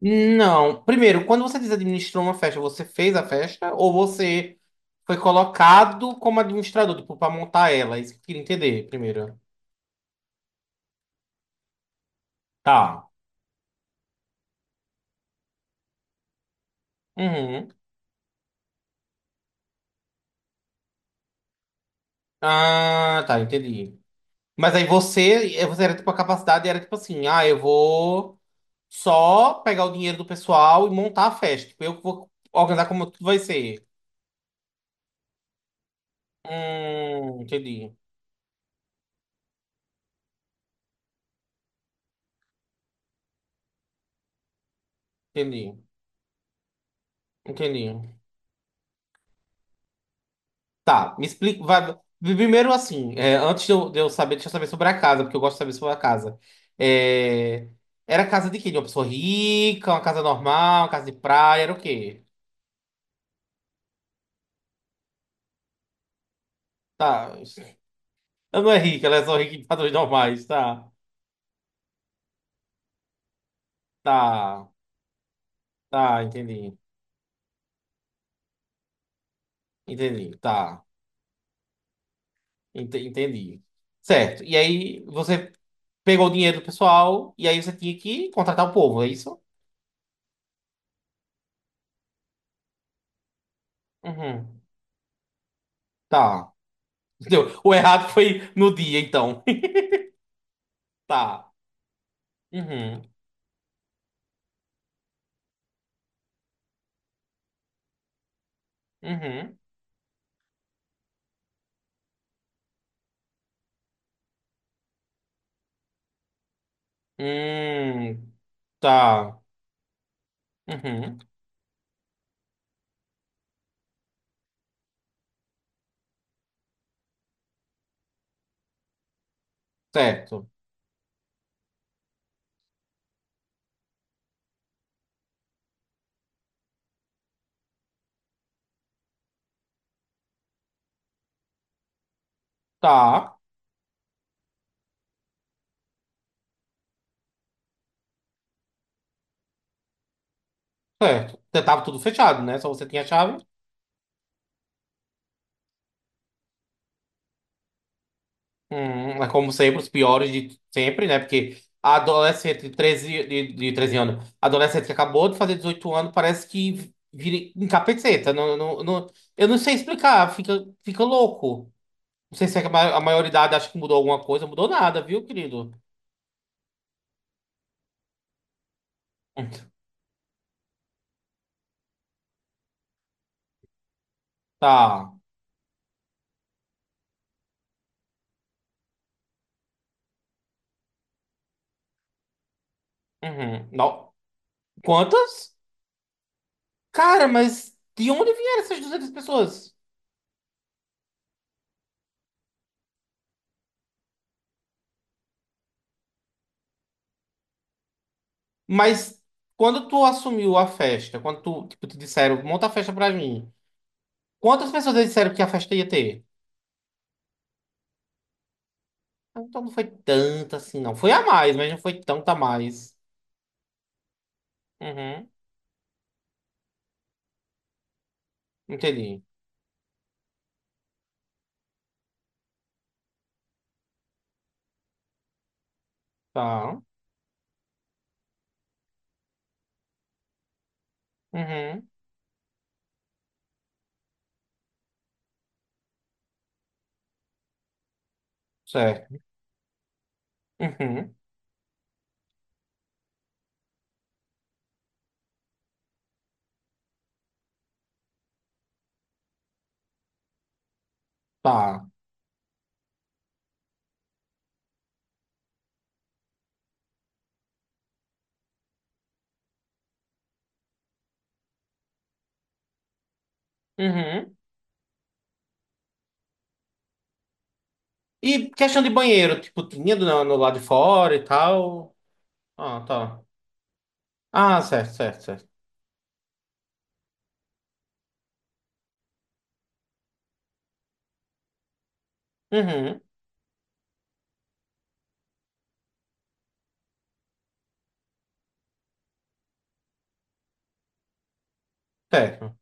Não. Primeiro, quando você diz administrou uma festa, você fez a festa ou você foi colocado como administrador, tipo, pra montar ela? É isso que eu queria entender primeiro. Tá. Uhum. Ah, tá, entendi. Mas aí você, você era tipo a capacidade, era tipo assim, ah, eu vou só pegar o dinheiro do pessoal e montar a festa. Tipo, eu que vou organizar como tudo vai ser. Entendi, entendi, entendi. Tá, me explica. Primeiro, assim, é, antes de eu saber, deixa eu saber sobre a casa, porque eu gosto de saber sobre a casa. É, era casa de quê? De uma pessoa rica, uma casa normal, uma casa de praia, era o quê? Tá. Ela não é rica, ela é só rica em padrões normais. Tá, tá, tá, entendi. Entendi, tá. Entendi. Certo. E aí você pegou o dinheiro do pessoal e aí você tinha que contratar o povo, é isso? Uhum. Tá. Entendeu? O errado foi no dia, então. Tá. Uhum, uhum. Hum, tá. Uhum, certo. Tá, certo. Você tava tudo fechado, né? Só você tinha a chave. É como sempre, os piores de sempre, né? Porque a adolescente de de 13 anos, a adolescente que acabou de fazer 18 anos, parece que vira encapeta. Não, não, não, eu não sei explicar, fica louco. Não sei se é que a maioridade acha que mudou alguma coisa, mudou nada, viu, querido? Hum. Tá. Uhum. Não. Quantas? Cara, mas de onde vieram essas 200 pessoas? Mas quando tu assumiu a festa, quando tu, tipo, te disseram, monta a festa pra mim, quantas pessoas eles disseram que a festa ia ter? Ah, então não foi tanta assim, não. Foi a mais, mas não foi tanta a mais. Uhum, entendi. Tá. Uhum, certo. Uhum, tá. Uhum. E questão de banheiro, tipo, tinha no, no lado de fora e tal? Ah, tá. Ah, certo, certo, certo. Uhum, certo.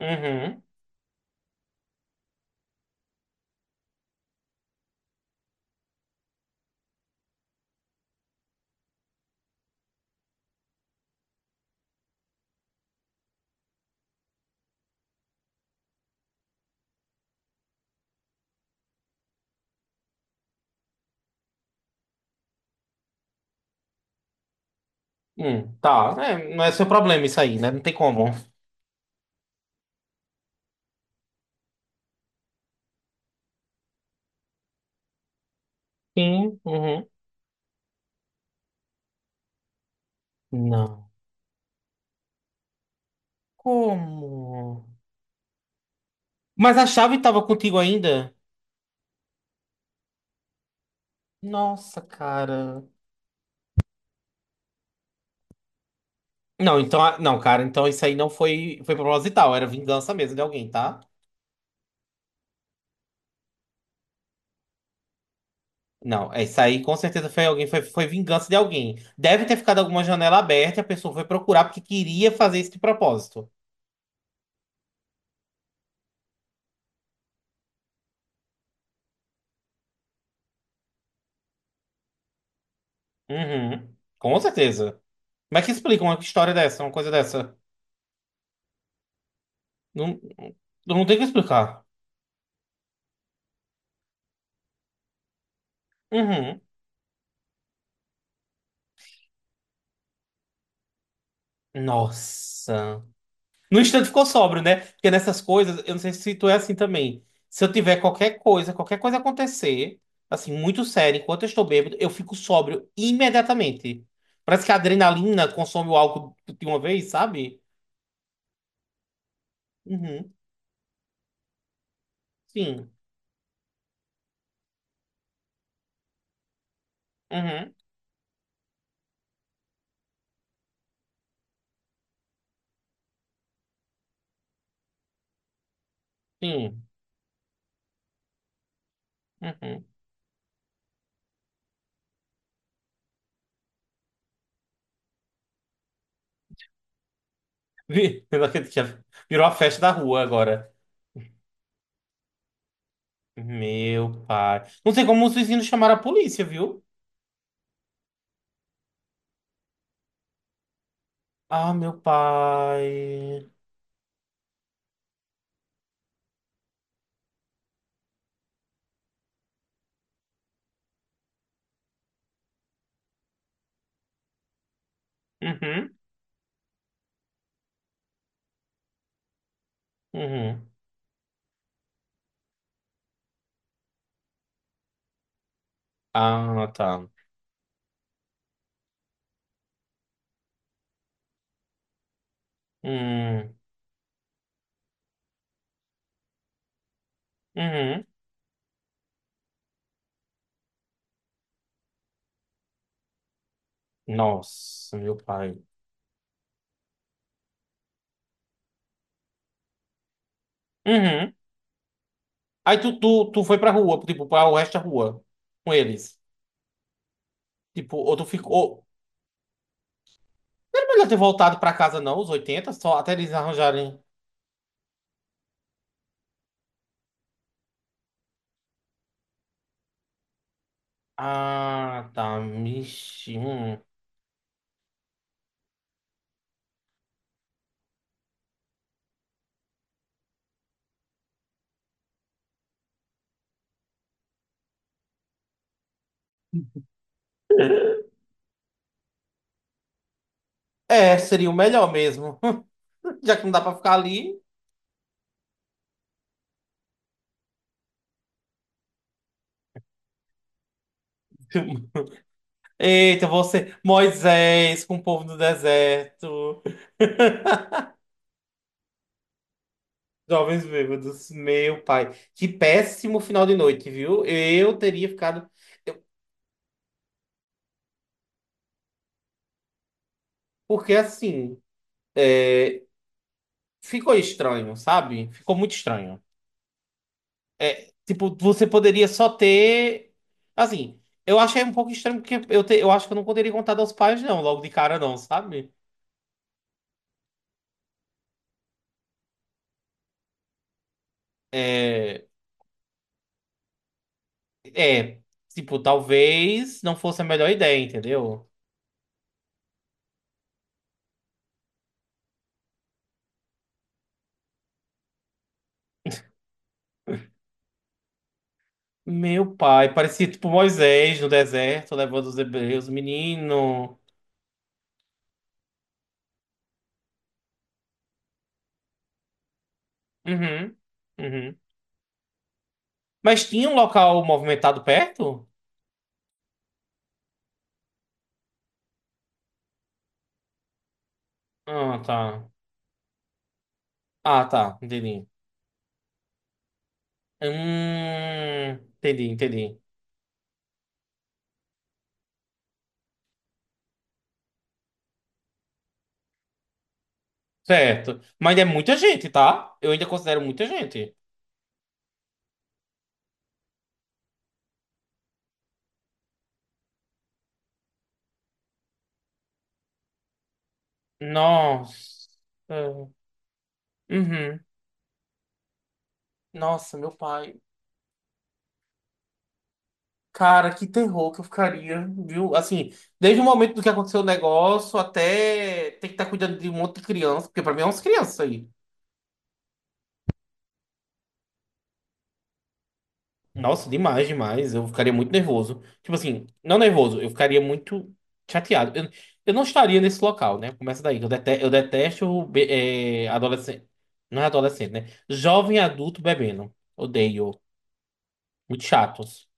Uhum. Tá, é, não é seu problema isso aí, né? Não tem como. Sim, uhum. Não. Como? Mas a chave tava contigo ainda? Nossa, cara. Não, então, não, cara, então isso aí não foi, foi proposital, era vingança mesmo de alguém, tá? Não, é isso aí com certeza foi alguém, foi, foi vingança de alguém. Deve ter ficado alguma janela aberta e a pessoa foi procurar porque queria fazer isso de propósito. Uhum, com certeza. Como é que explica uma história dessa, uma coisa dessa? Não, não tem o que explicar. Uhum. Nossa. No instante ficou sóbrio, né? Porque nessas coisas, eu não sei se tu é assim também. Se eu tiver qualquer coisa acontecer, assim, muito sério, enquanto eu estou bêbado, eu fico sóbrio imediatamente. Parece que a adrenalina consome o álcool de uma vez, sabe? Uhum. Sim. Uhum. Sim. Uhum. Eu não acredito que já virou a festa da rua agora. Meu pai. Não sei como os vizinhos chamaram a polícia, viu? Ah, meu pai. Uhum. Uhum. Ah, tá. Hum, uhum. Nossa, meu pai. Uhum. Aí tu foi pra rua, tipo, pra o resto da rua com eles. Tipo, ou tu ficou. Não era melhor ter voltado pra casa, não, os 80 só até eles arranjarem. Ah, tá. Mixi. Hum. É, seria o melhor mesmo. Já que não dá pra ficar ali. Eita, você, Moisés, com o povo do deserto. Jovens Bêbados, meu pai. Que péssimo final de noite, viu? Eu teria ficado. eu- Porque assim, é, ficou estranho, sabe? Ficou muito estranho. É, tipo, você poderia só ter. Assim, eu achei um pouco estranho porque eu acho que eu não poderia contar aos pais, não, logo de cara, não, sabe? É, é, tipo, talvez não fosse a melhor ideia, entendeu? Meu pai, parecia tipo Moisés no deserto, levando os hebreus, menino. Uhum, uhum. Mas tinha um local movimentado perto? Ah, tá. Ah, tá. Entendi. Hum, entendi, entendi. Certo. Mas é muita gente, tá? Eu ainda considero muita gente. Nossa. Uhum. Nossa, meu pai. Cara, que terror que eu ficaria, viu? Assim, desde o momento do que aconteceu o negócio até ter que estar cuidando de um monte de criança, porque pra mim é umas crianças. Nossa, demais, demais. Eu ficaria muito nervoso. Tipo assim, não nervoso, eu ficaria muito chateado. Eu não estaria nesse local, né? Começa daí. Eu detesto adolescente. Não é adolescente, né? Jovem adulto bebendo. Odeio. Muito chatos.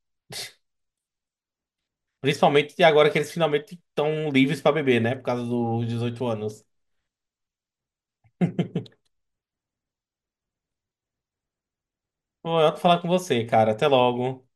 Principalmente agora que eles finalmente estão livres pra beber, né? Por causa dos 18 anos. Foi ótimo falar com você, cara. Até logo.